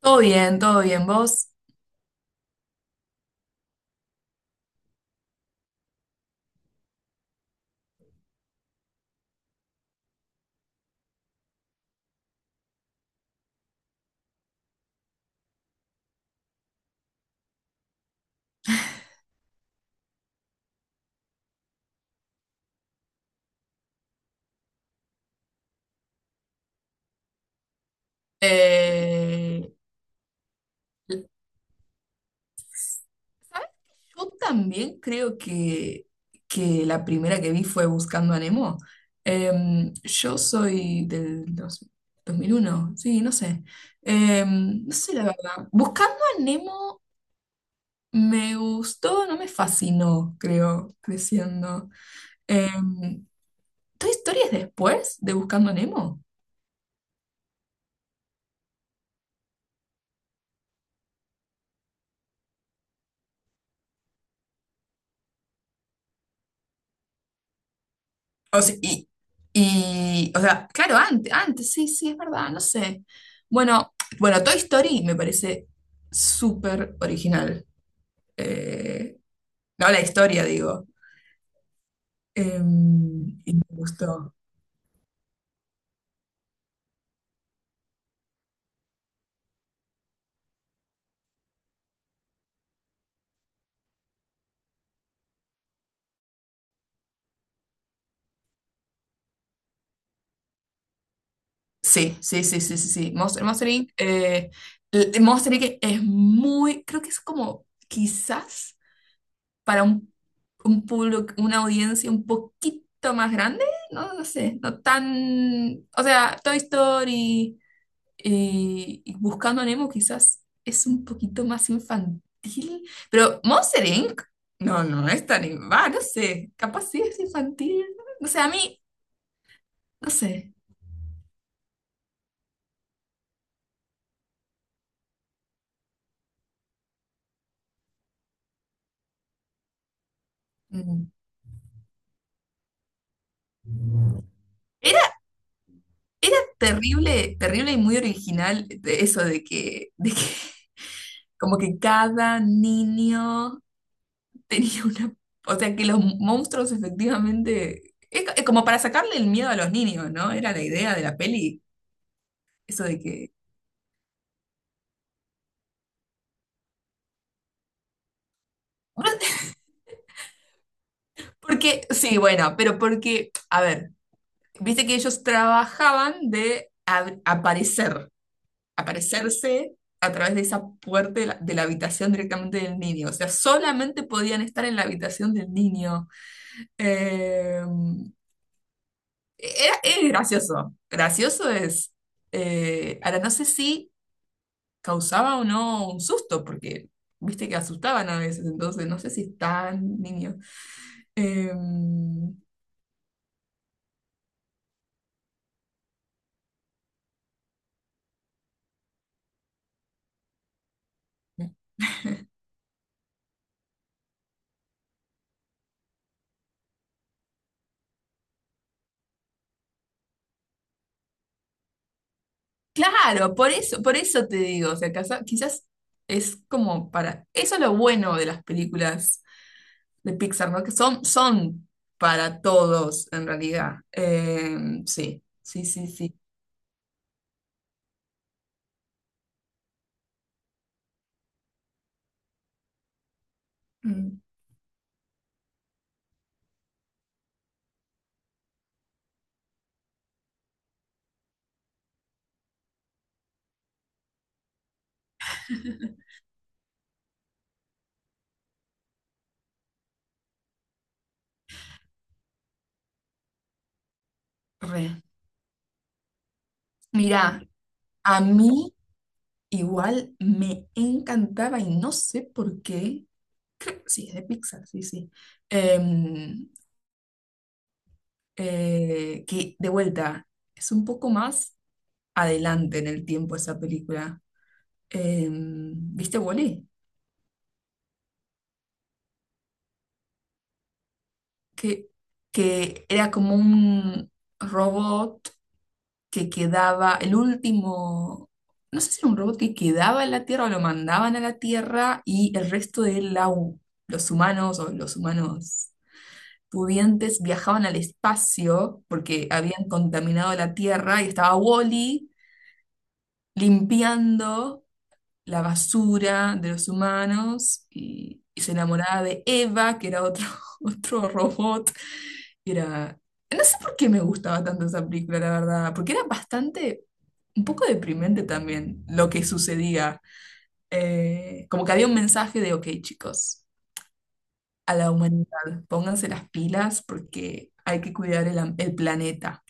Todo bien, todo bien. Vos, eh, ¿sabes? Yo también creo que la primera que vi fue Buscando a Nemo. Yo soy del 2001, sí, no sé. No sé la verdad. Buscando a Nemo me gustó, no me fascinó, creo, creciendo. Em, ¿Toy Story es después de Buscando a Nemo? O sea, y, o sea, claro, antes, antes, sí, sí, es verdad, no sé. Bueno, bueno, Toy Story me parece súper original. Eh, no la historia, digo. Eh, y me gustó. Sí, sí, sí, sí, sí, sí. Monster Inc. Monster Inc. es muy, creo que es como quizás para un público, una audiencia un poquito más grande, no, no sé, no tan, o sea, Toy Story. Y Buscando a Nemo quizás es un poquito más infantil, pero Monster Inc. No, no es tan. Va, no sé, capaz sí es infantil. No sé, a mí, no sé. Mm. Era, era terrible, terrible y muy original de eso de que como que cada niño tenía una. O sea, que los monstruos efectivamente. Es como para sacarle el miedo a los niños, ¿no? Era la idea de la peli, eso de que. Bueno. Porque, sí, bueno, pero porque, a ver, viste que ellos trabajaban de aparecer, aparecerse a través de esa puerta de la habitación directamente del niño. O sea, solamente podían estar en la habitación del niño. Eh, es gracioso. Gracioso es. Ahora, no sé si causaba o no un susto, porque viste que asustaban a veces, entonces no sé si tan niño. Eh, Claro, por eso te digo, o sea, quizás es como para, eso es lo bueno de las películas de Pixar, ¿no? Que son para todos, en realidad. Sí, sí, sí, sí. Mm. Re. Mirá, a mí igual me encantaba y no sé por qué. Creo sí, es de Pixar, sí, sí. Em, que de vuelta, es un poco más adelante en el tiempo esa película. ¿Viste Wall-E? Que, que era como un robot que quedaba, el último, no sé si era un robot que quedaba en la Tierra o lo mandaban a la Tierra y el resto de los humanos o los humanos pudientes viajaban al espacio porque habían contaminado la Tierra y estaba Wall-E limpiando la basura de los humanos y se enamoraba de Eva, que era otro, otro robot. Y era, no sé por qué me gustaba tanto esa película, la verdad, porque era bastante, un poco deprimente también lo que sucedía. Como que había un mensaje de, ok, chicos, a la humanidad, pónganse las pilas porque hay que cuidar el planeta.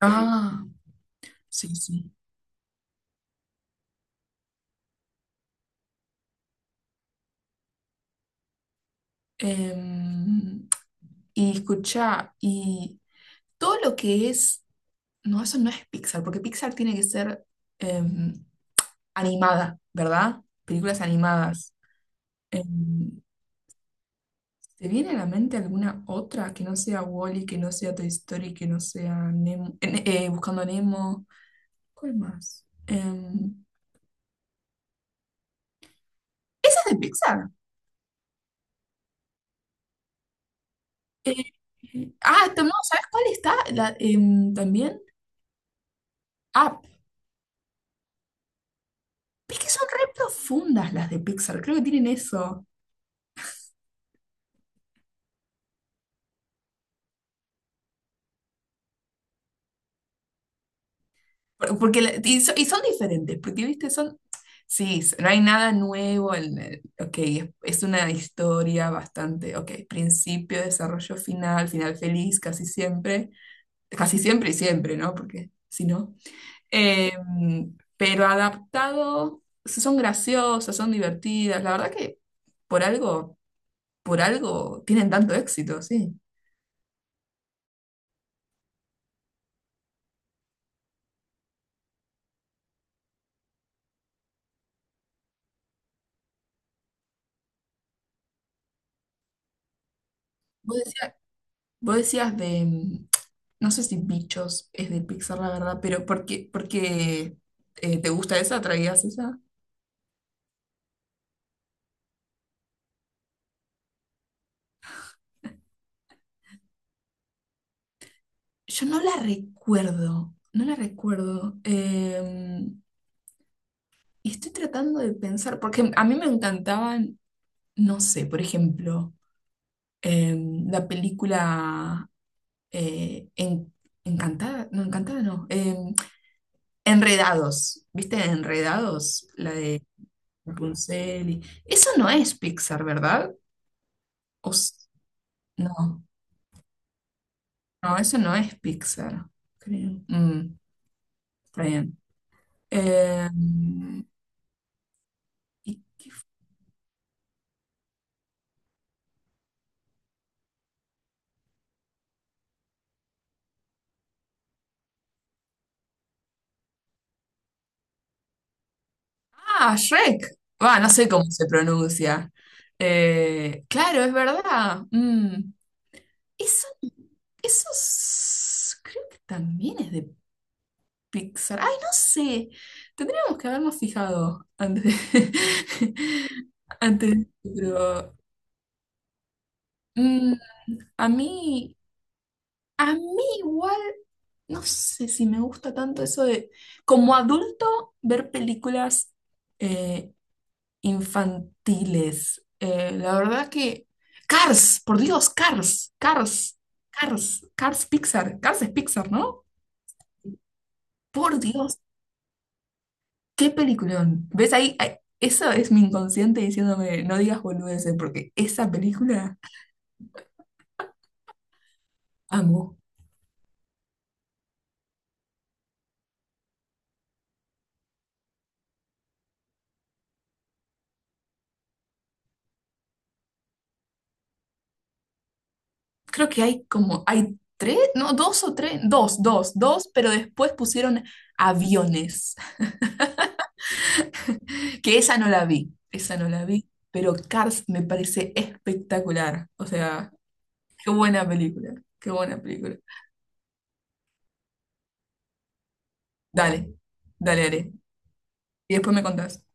Ah, sí, sí. Em, y escucha, y todo lo que es. No, eso no es Pixar, porque Pixar tiene que ser em, animada, ¿verdad? Películas animadas. Em, ¿Te viene a la mente alguna otra que no sea Wall-E, que no sea Toy Story, que no sea Buscando a Nemo? ¿Cuál más? Esa es de Pixar. Eh, no, ¿sabes cuál está? La, también. Ah, es que son re profundas las de Pixar, creo que tienen eso. Porque, y son diferentes, porque, viste, no hay nada nuevo en ok, es una historia bastante, ok, principio, desarrollo final, final feliz, casi siempre y siempre, ¿no? Porque si no. Pero adaptado, son graciosas, son divertidas, la verdad que por algo, por algo tienen tanto éxito, sí. Vos decías, vos decías de, No sé si Bichos es de Pixar, la verdad, pero por qué, te gusta esa? ¿Traías esa? Yo no la recuerdo, no la recuerdo. Estoy tratando de pensar, porque a mí me encantaban, no sé, por ejemplo, eh, la película eh, En- Encantada no, Enredados, ¿viste? Enredados, la de Rapunzel. Eso no es Pixar, ¿verdad? O s- no. No, eso no es Pixar, creo. Mm, está bien. Eh, ¿y qué fu- ah, Shrek. Va, no sé cómo se pronuncia. Claro, es verdad. Eso, Creo que también es de Pixar. Ay, no sé. Tendríamos que habernos fijado antes de- antes, pero mm, a mí, a mí igual. No sé si me gusta tanto eso de, como adulto, ver películas eh, infantiles. La verdad que. Cars, por Dios, Cars, Cars, Cars, Cars Pixar, Cars es Pixar, ¿no? Por Dios, qué peliculón. ¿Ves ahí? Eso es mi inconsciente diciéndome, no digas boludeces, porque esa película amo. Creo que hay como, hay tres, no, dos o tres, dos, dos, dos, pero después pusieron aviones. Que esa no la vi, esa no la vi, pero Cars me parece espectacular. O sea, qué buena película, qué buena película. Dale, dale, dale. Y después me contás.